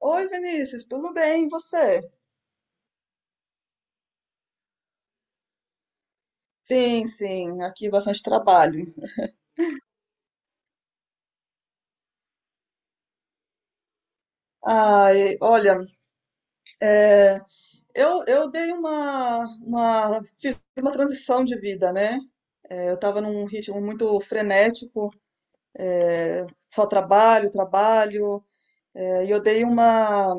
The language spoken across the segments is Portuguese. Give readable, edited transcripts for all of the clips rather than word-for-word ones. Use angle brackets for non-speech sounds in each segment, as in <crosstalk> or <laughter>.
Oi, Vinícius, tudo bem? E você? Sim, sim, aqui bastante trabalho. Ai, olha, eu dei fiz uma transição de vida, né? É, eu estava num ritmo muito frenético, só trabalho, trabalho, e eu dei uma,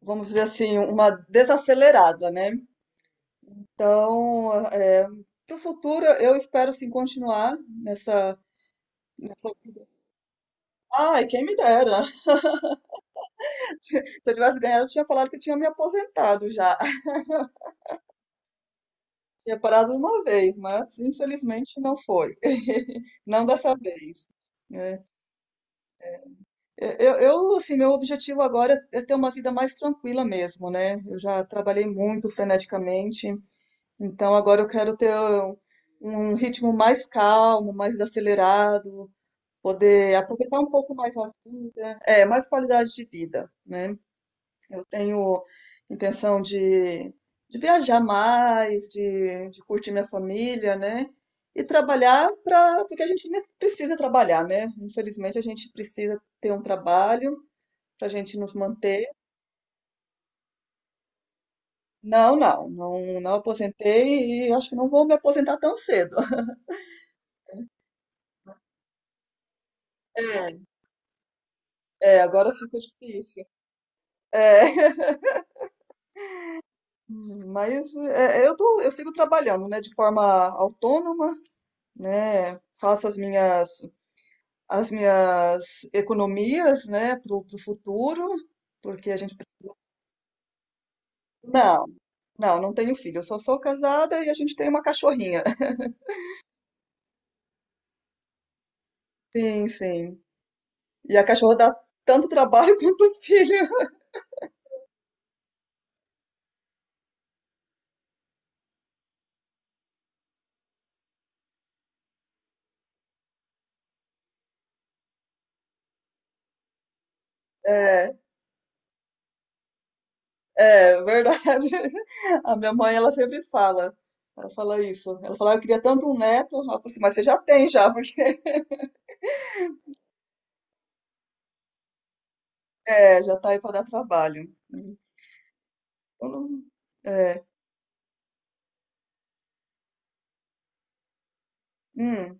vamos dizer assim, uma desacelerada, né? Então, é, para o futuro, eu espero sim continuar nessa, nessa... Ai, quem me dera! <laughs> Se eu tivesse ganhado, eu tinha falado que eu tinha me aposentado já. Tinha parado uma vez, mas infelizmente não foi. <laughs> Não dessa vez. Né? Assim, meu objetivo agora é ter uma vida mais tranquila mesmo, né? Eu já trabalhei muito freneticamente, então agora eu quero ter um ritmo mais calmo, mais acelerado, poder aproveitar um pouco mais a vida, é, mais qualidade de vida, né? Eu tenho intenção de viajar mais, de curtir minha família, né? E trabalhar para, porque a gente precisa trabalhar, né? Infelizmente a gente precisa ter um trabalho para a gente nos manter. Não, não, não, não aposentei e acho que não vou me aposentar tão cedo. <laughs> É. É, agora fica difícil. É, <laughs> mas é, eu tô, eu sigo trabalhando, né, de forma autônoma, né? Faço as minhas economias, né, pro futuro, porque a gente. Não, não, não tenho filho. Eu só sou casada e a gente tem uma cachorrinha. <laughs> Sim, sim. E a cachorra dá tanto trabalho <laughs> quanto o filho. É, é verdade. <laughs> A minha mãe, ela sempre fala. Ela fala isso. Ela fala, eu queria tanto um neto. Ela falou assim, mas você já tem já, porque <laughs> é, já tá aí para dar trabalho. Eu não- É. Hum.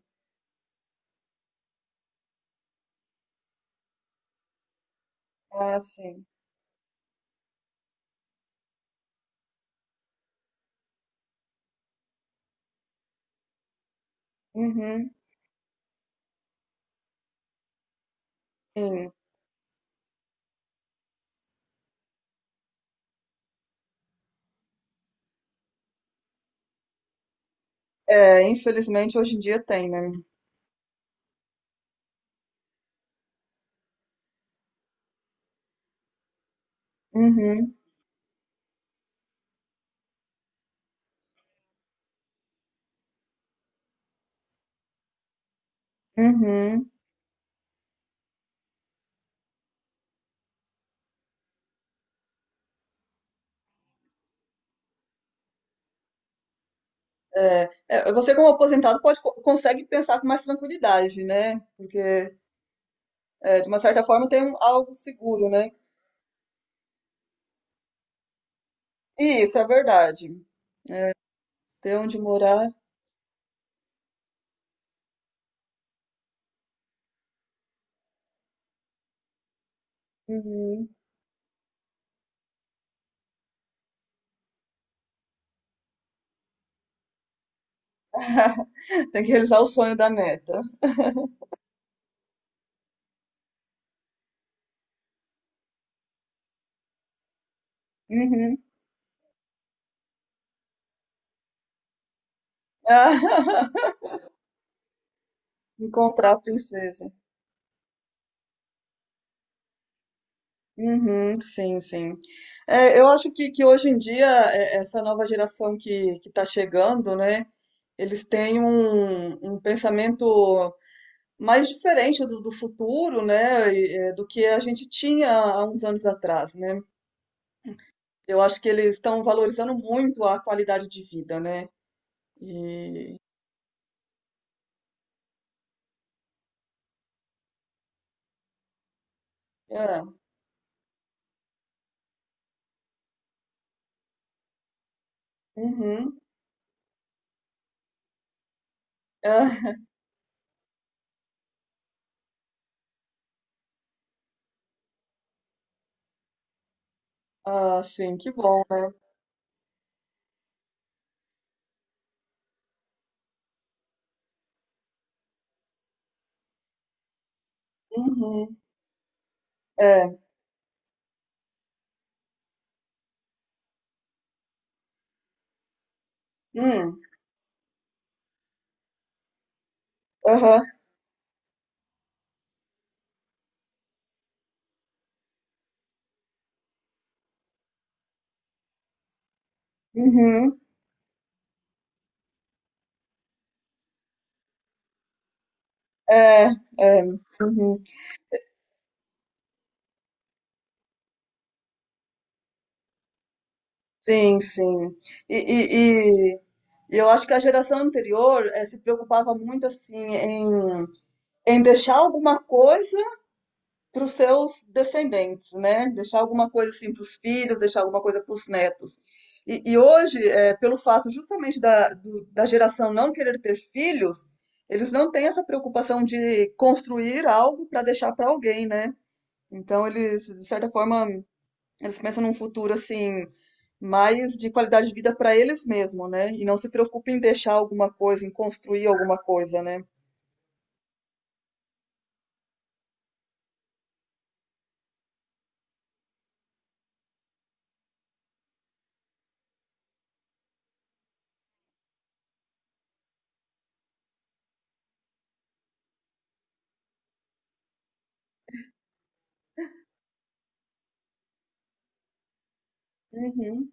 Ah, sim. Uhum. Sim. É, infelizmente hoje em dia tem, né? Uhum, uhum. É, é, você como aposentado pode consegue pensar com mais tranquilidade, né? Porque é, de uma certa forma tem algo seguro, né? E isso é verdade. Ter onde morar, uhum. <laughs> Tem que realizar o sonho da neta. Uhum. <laughs> Encontrar a princesa. Uhum, sim, sim. É, eu acho que hoje em dia, é, essa nova geração que está chegando, né? Eles têm um pensamento mais diferente do futuro, né, do que a gente tinha há uns anos atrás, né? Eu acho que eles estão valorizando muito a qualidade de vida, né? E é, uhum, é, <laughs> ah, sim, que bom, né? Uhum, é, hum, aham, uhum, é, é, uhum, sim, sim. E, e, e e eu acho que a geração anterior se preocupava muito assim em deixar alguma coisa para os seus descendentes, né? Deixar alguma coisa assim para os filhos, deixar alguma coisa para os netos. E hoje, é, pelo fato justamente da geração não querer ter filhos, eles não têm essa preocupação de construir algo para deixar para alguém, né? Então eles, de certa forma, eles pensam num futuro assim mais de qualidade de vida para eles mesmos, né? E não se preocupem em deixar alguma coisa, em construir alguma coisa, né? Uhum.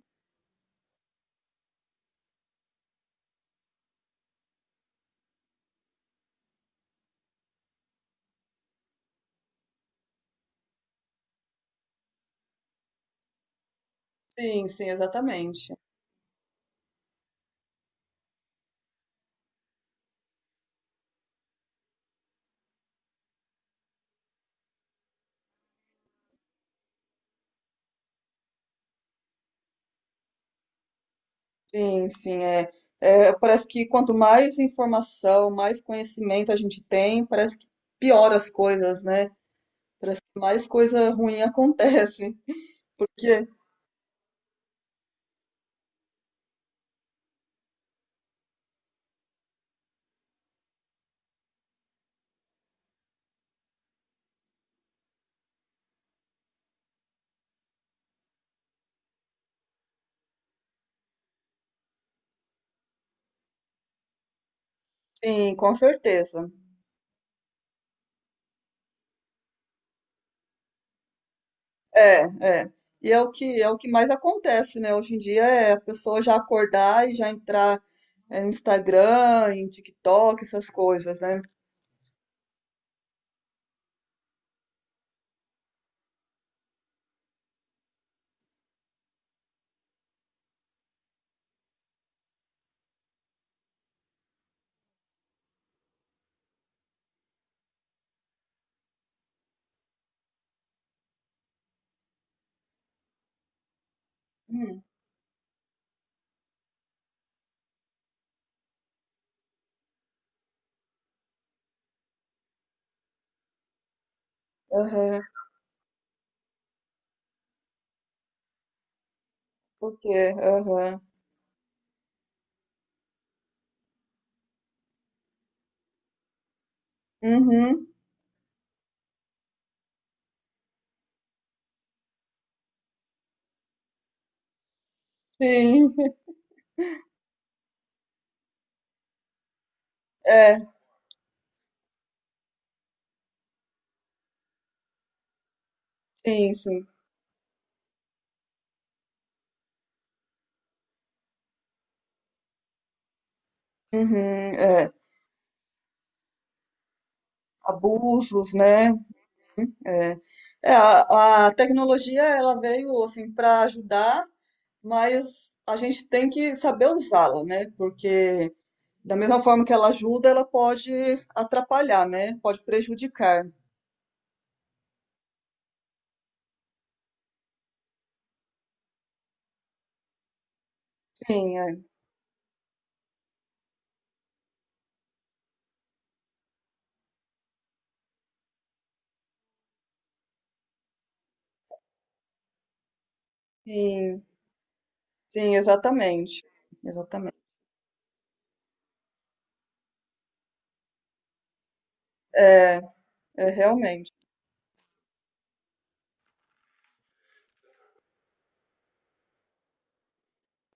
Sim, sim, exatamente. Sim, sim, é. É, parece que quanto mais informação, mais conhecimento a gente tem, parece que piora as coisas, né? Mais coisa ruim <laughs> acontece. Porque, sim, com certeza. É, é. E é o que mais acontece, né? Hoje em dia é a pessoa já acordar e já entrar é, no Instagram, em TikTok, essas coisas, né? Hum, aham, por quê? Aham. Uhum, sim, é, sim, sim. Uhum, é. Abusos, né? É, é, a tecnologia ela veio assim para ajudar, mas a gente tem que saber usá-la, né? Porque da mesma forma que ela ajuda, ela pode atrapalhar, né? Pode prejudicar. Sim, é. Sim, sim, exatamente, exatamente. É, é realmente.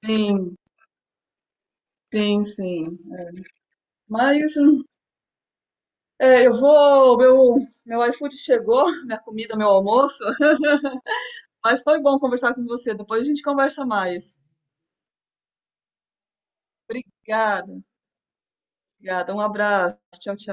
Sim, sim, sim. Mas é, eu vou, meu iFood chegou, minha comida, meu almoço. <laughs> Mas foi bom conversar com você. Depois a gente conversa mais. Obrigada, obrigada. Um abraço. Tchau, tchau.